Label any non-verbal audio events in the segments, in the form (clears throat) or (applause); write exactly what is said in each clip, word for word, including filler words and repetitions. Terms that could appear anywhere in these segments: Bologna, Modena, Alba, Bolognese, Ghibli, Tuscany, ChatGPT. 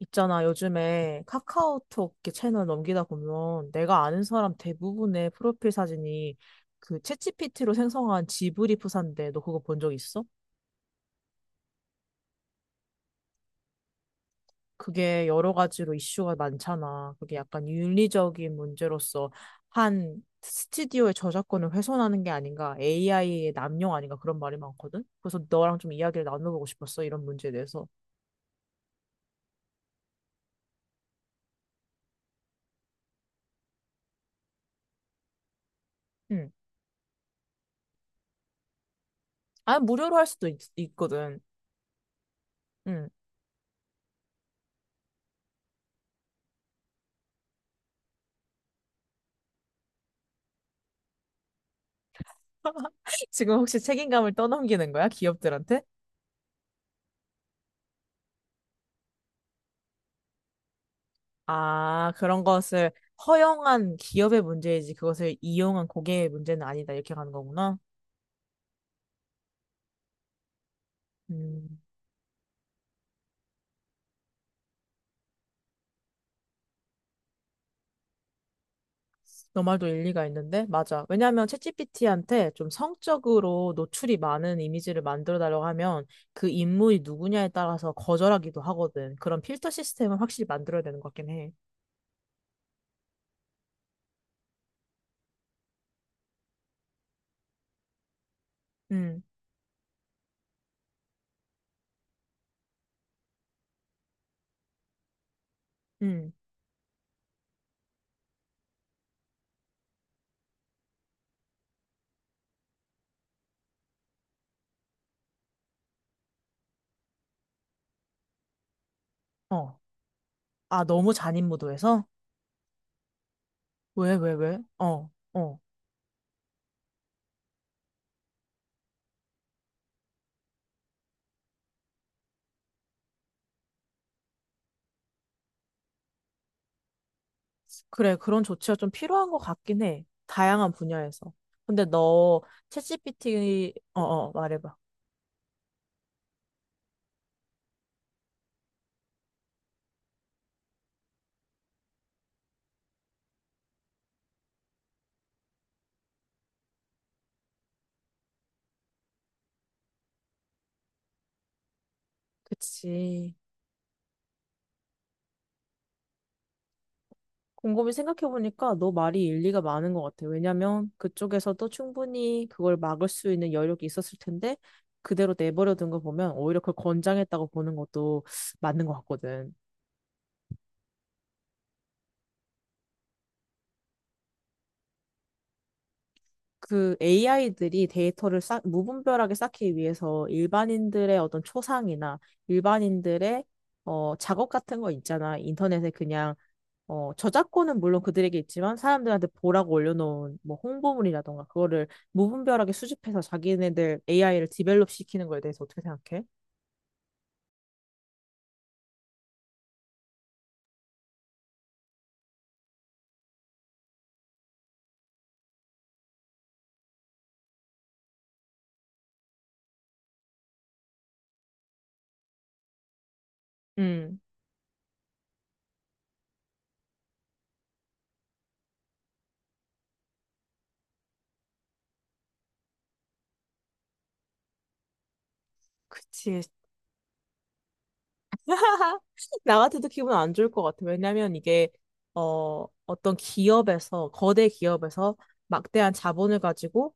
있잖아, 요즘에 카카오톡 이렇게 채널 넘기다 보면 내가 아는 사람 대부분의 프로필 사진이 그 챗지피티로 생성한 지브리 프사인데 너 그거 본 적 있어? 그게 여러 가지로 이슈가 많잖아. 그게 약간 윤리적인 문제로서 한 스튜디오의 저작권을 훼손하는 게 아닌가, 에이아이의 남용 아닌가 그런 말이 많거든? 그래서 너랑 좀 이야기를 나눠보고 싶었어, 이런 문제에 대해서. 응. 아, 무료로 할 수도 있, 있거든. 응. (laughs) 지금 혹시 책임감을 떠넘기는 거야, 기업들한테? 아, 그런 것을 허용한 기업의 문제이지 그것을 이용한 고객의 문제는 아니다. 이렇게 가는 거구나. 음, 너 말도 일리가 있는데? 맞아. 왜냐하면 챗지피티한테 좀 성적으로 노출이 많은 이미지를 만들어 달라고 하면 그 인물이 누구냐에 따라서 거절하기도 하거든. 그런 필터 시스템을 확실히 만들어야 되는 것 같긴 해. 음, 음, 어. 아, 너무 잔인무도해서? 왜, 왜, 왜? 어, 어. 그래, 그런 조치가 좀 필요한 것 같긴 해. 다양한 분야에서. 근데 너, 챗지피티, 어어, 말해봐. 그치. 곰곰이 생각해보니까 너 말이 일리가 많은 것 같아. 왜냐면 그쪽에서도 충분히 그걸 막을 수 있는 여력이 있었을 텐데, 그대로 내버려둔 거 보면 오히려 그걸 권장했다고 보는 것도 맞는 것 같거든. 그 에이아이들이 데이터를 쌓, 무분별하게 쌓기 위해서 일반인들의 어떤 초상이나 일반인들의 어, 작업 같은 거 있잖아. 인터넷에 그냥 어, 저작권은 물론 그들에게 있지만 사람들한테 보라고 올려놓은 뭐 홍보물이라던가 그거를 무분별하게 수집해서 자기네들 에이아이를 디벨롭 시키는 거에 대해서 어떻게 생각해? 음, 그치. (laughs) 나 같아도 기분 안 좋을 것 같아. 왜냐면 이게, 어, 어떤 기업에서, 거대 기업에서 막대한 자본을 가지고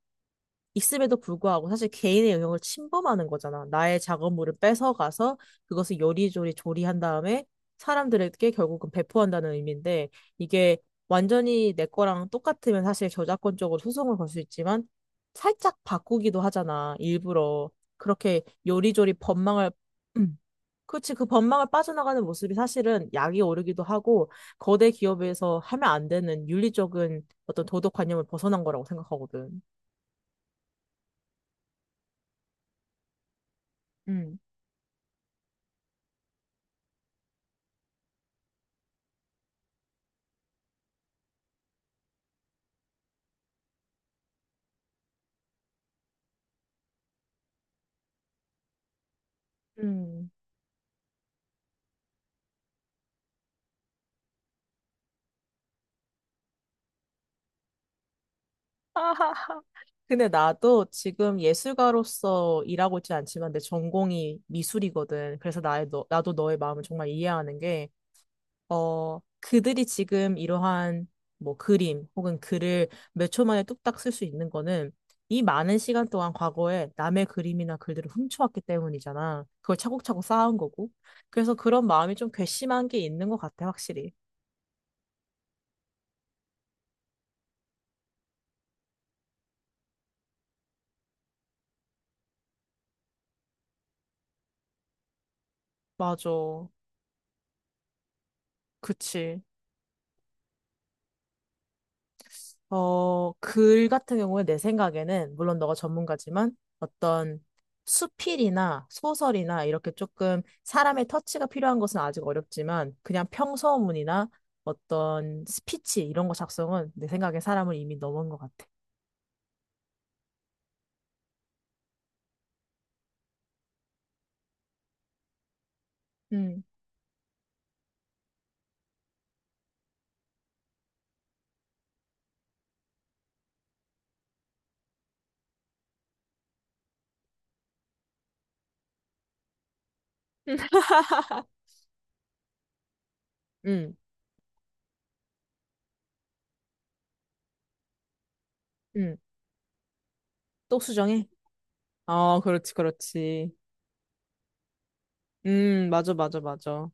있음에도 불구하고 사실 개인의 영역을 침범하는 거잖아. 나의 작업물을 뺏어가서 그것을 요리조리 조리한 다음에 사람들에게 결국은 배포한다는 의미인데 이게 완전히 내 거랑 똑같으면 사실 저작권적으로 소송을 걸 수 있지만 살짝 바꾸기도 하잖아. 일부러. 그렇게 요리조리 법망을 (clears throat) 음, 그렇지. 그 법망을 빠져나가는 모습이 사실은 약이 오르기도 하고 거대 기업에서 하면 안 되는 윤리적인 어떤 도덕관념을 벗어난 거라고 생각하거든. 음. 음. 근데 나도 지금 예술가로서 일하고 있진 않지만 내 전공이 미술이거든. 그래서 나의 너, 나도 너의 마음을 정말 이해하는 게, 어, 그들이 지금 이러한 뭐 그림 혹은 글을 몇 초 만에 뚝딱 쓸 수 있는 거는 이 많은 시간 동안 과거에 남의 그림이나 글들을 훔쳐왔기 때문이잖아. 그걸 차곡차곡 쌓은 거고. 그래서 그런 마음이 좀 괘씸한 게 있는 것 같아, 확실히. 맞아. 그치. 어, 글 같은 경우에 내 생각에는, 물론 너가 전문가지만 어떤 수필이나 소설이나 이렇게 조금 사람의 터치가 필요한 것은 아직 어렵지만 그냥 평서문이나 어떤 스피치 이런 거 작성은 내 생각에 사람을 이미 넘은 것 같아. 음. 음, 음. (laughs) 또 수정해? 어, 그렇지, 그렇지. 음, 맞아, 맞아, 맞아.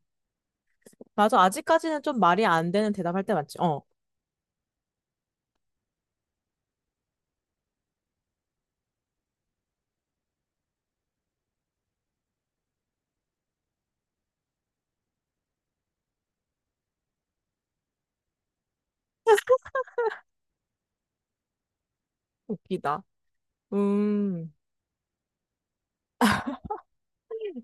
맞아, 아직까지는 좀 말이 안 되는 대답할 때 맞지? 어, 웃기다. 음.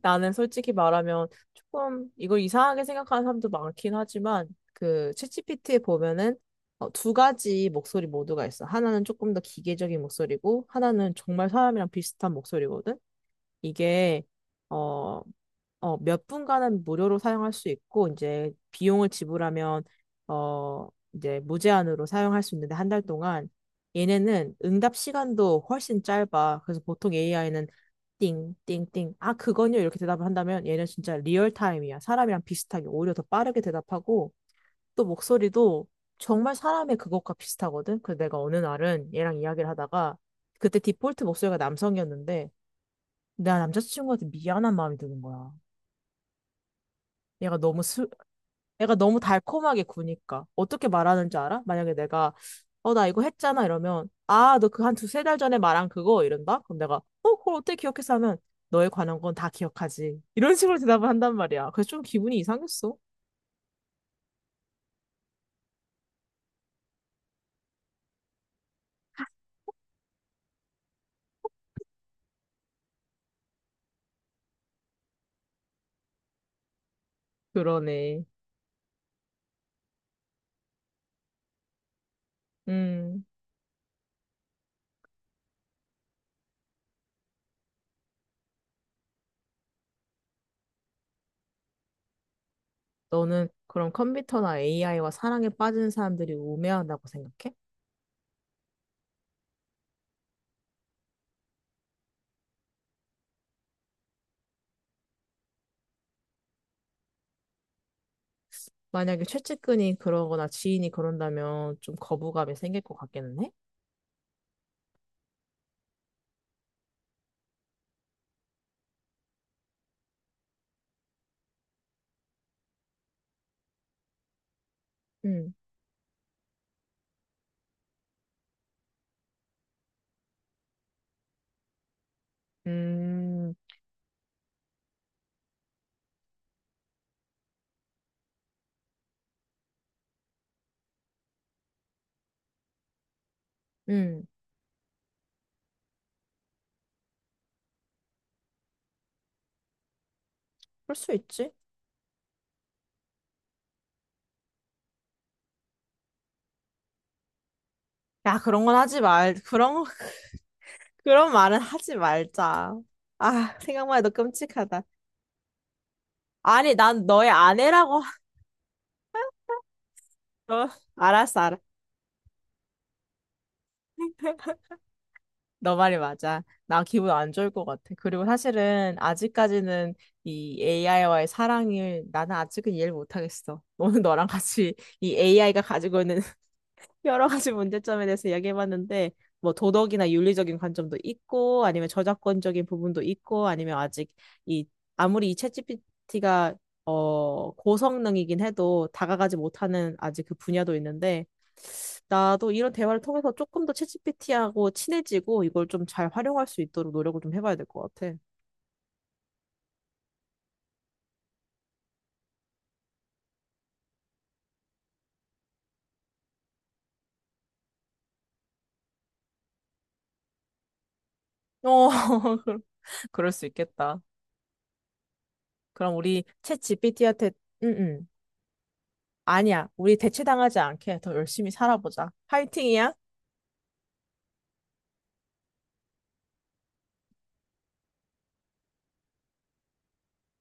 나는 솔직히 말하면 조금 이걸 이상하게 생각하는 사람도 많긴 하지만 그 챗지피티에 보면은 어, 두 가지 목소리 모두가 있어. 하나는 조금 더 기계적인 목소리고 하나는 정말 사람이랑 비슷한 목소리거든. 이게 어, 어, 몇 분간은 무료로 사용할 수 있고 이제 비용을 지불하면 어, 이제 무제한으로 사용할 수 있는데 한 달 동안 얘네는 응답 시간도 훨씬 짧아. 그래서 보통 에이아이는 띵띵띵. 아, 그건요. 이렇게 대답을 한다면 얘는 진짜 리얼타임이야. 사람이랑 비슷하게 오히려 더 빠르게 대답하고 또 목소리도 정말 사람의 그것과 비슷하거든. 그래서 내가 어느 날은 얘랑 이야기를 하다가 그때 디폴트 목소리가 남성이었는데 나 남자친구한테 미안한 마음이 드는 거야. 얘가 너무 슬, 애가 너무 달콤하게 구니까. 어떻게 말하는 줄 알아? 만약에 내가, 어, 나 이거 했잖아. 이러면, 아, 너 그 한 두세 달 전에 말한 그거? 이런다? 그럼 내가, 어, 그걸 어떻게 기억했어? 하면, 너에 관한 건 다 기억하지. 이런 (laughs) 식으로 대답을 한단 말이야. 그래서 좀 기분이 이상했어. 그러네. 음, 너는 그럼 컴퓨터나 에이아이와 사랑에 빠지는 사람들이 우매하다고 생각해? 만약에 최측근이 그러거나 지인이 그런다면 좀 거부감이 생길 것 같기는 해? 음, 음, 음, 그럴 수 있지. 야, 그런 건 하지 말, 그런, (laughs) 그런 말은 하지 말자. 아, 생각만 해도 끔찍하다. 아니, 난 너의 아내라고. 하- 너, 알았어, 알았어. 너 말이 맞아. 나 기분 안 좋을 것 같아. 그리고 사실은 아직까지는 이 에이아이와의 사랑을 나는 아직은 이해를 못하겠어. 너는 너랑 같이 이 에이아이가 가지고 있는 여러 가지 (laughs) 문제점에 대해서 이야기해봤는데, 뭐 도덕이나 윤리적인 관점도 있고, 아니면 저작권적인 부분도 있고, 아니면 아직 이, 아무리 이 챗지피티가 어, 고성능이긴 해도 다가가지 못하는 아직 그 분야도 있는데, 나도 이런 대화를 통해서 조금 더 챗지피티하고 친해지고 이걸 좀 잘 활용할 수 있도록 노력을 좀 해봐야 될 것 같아. 어, (laughs) 그럴 그럴 수 있겠다. 그럼 우리 챗 지피티한테, 응, 응. 아니야. 우리 대체당하지 않게 더 열심히 살아보자. 파이팅이야.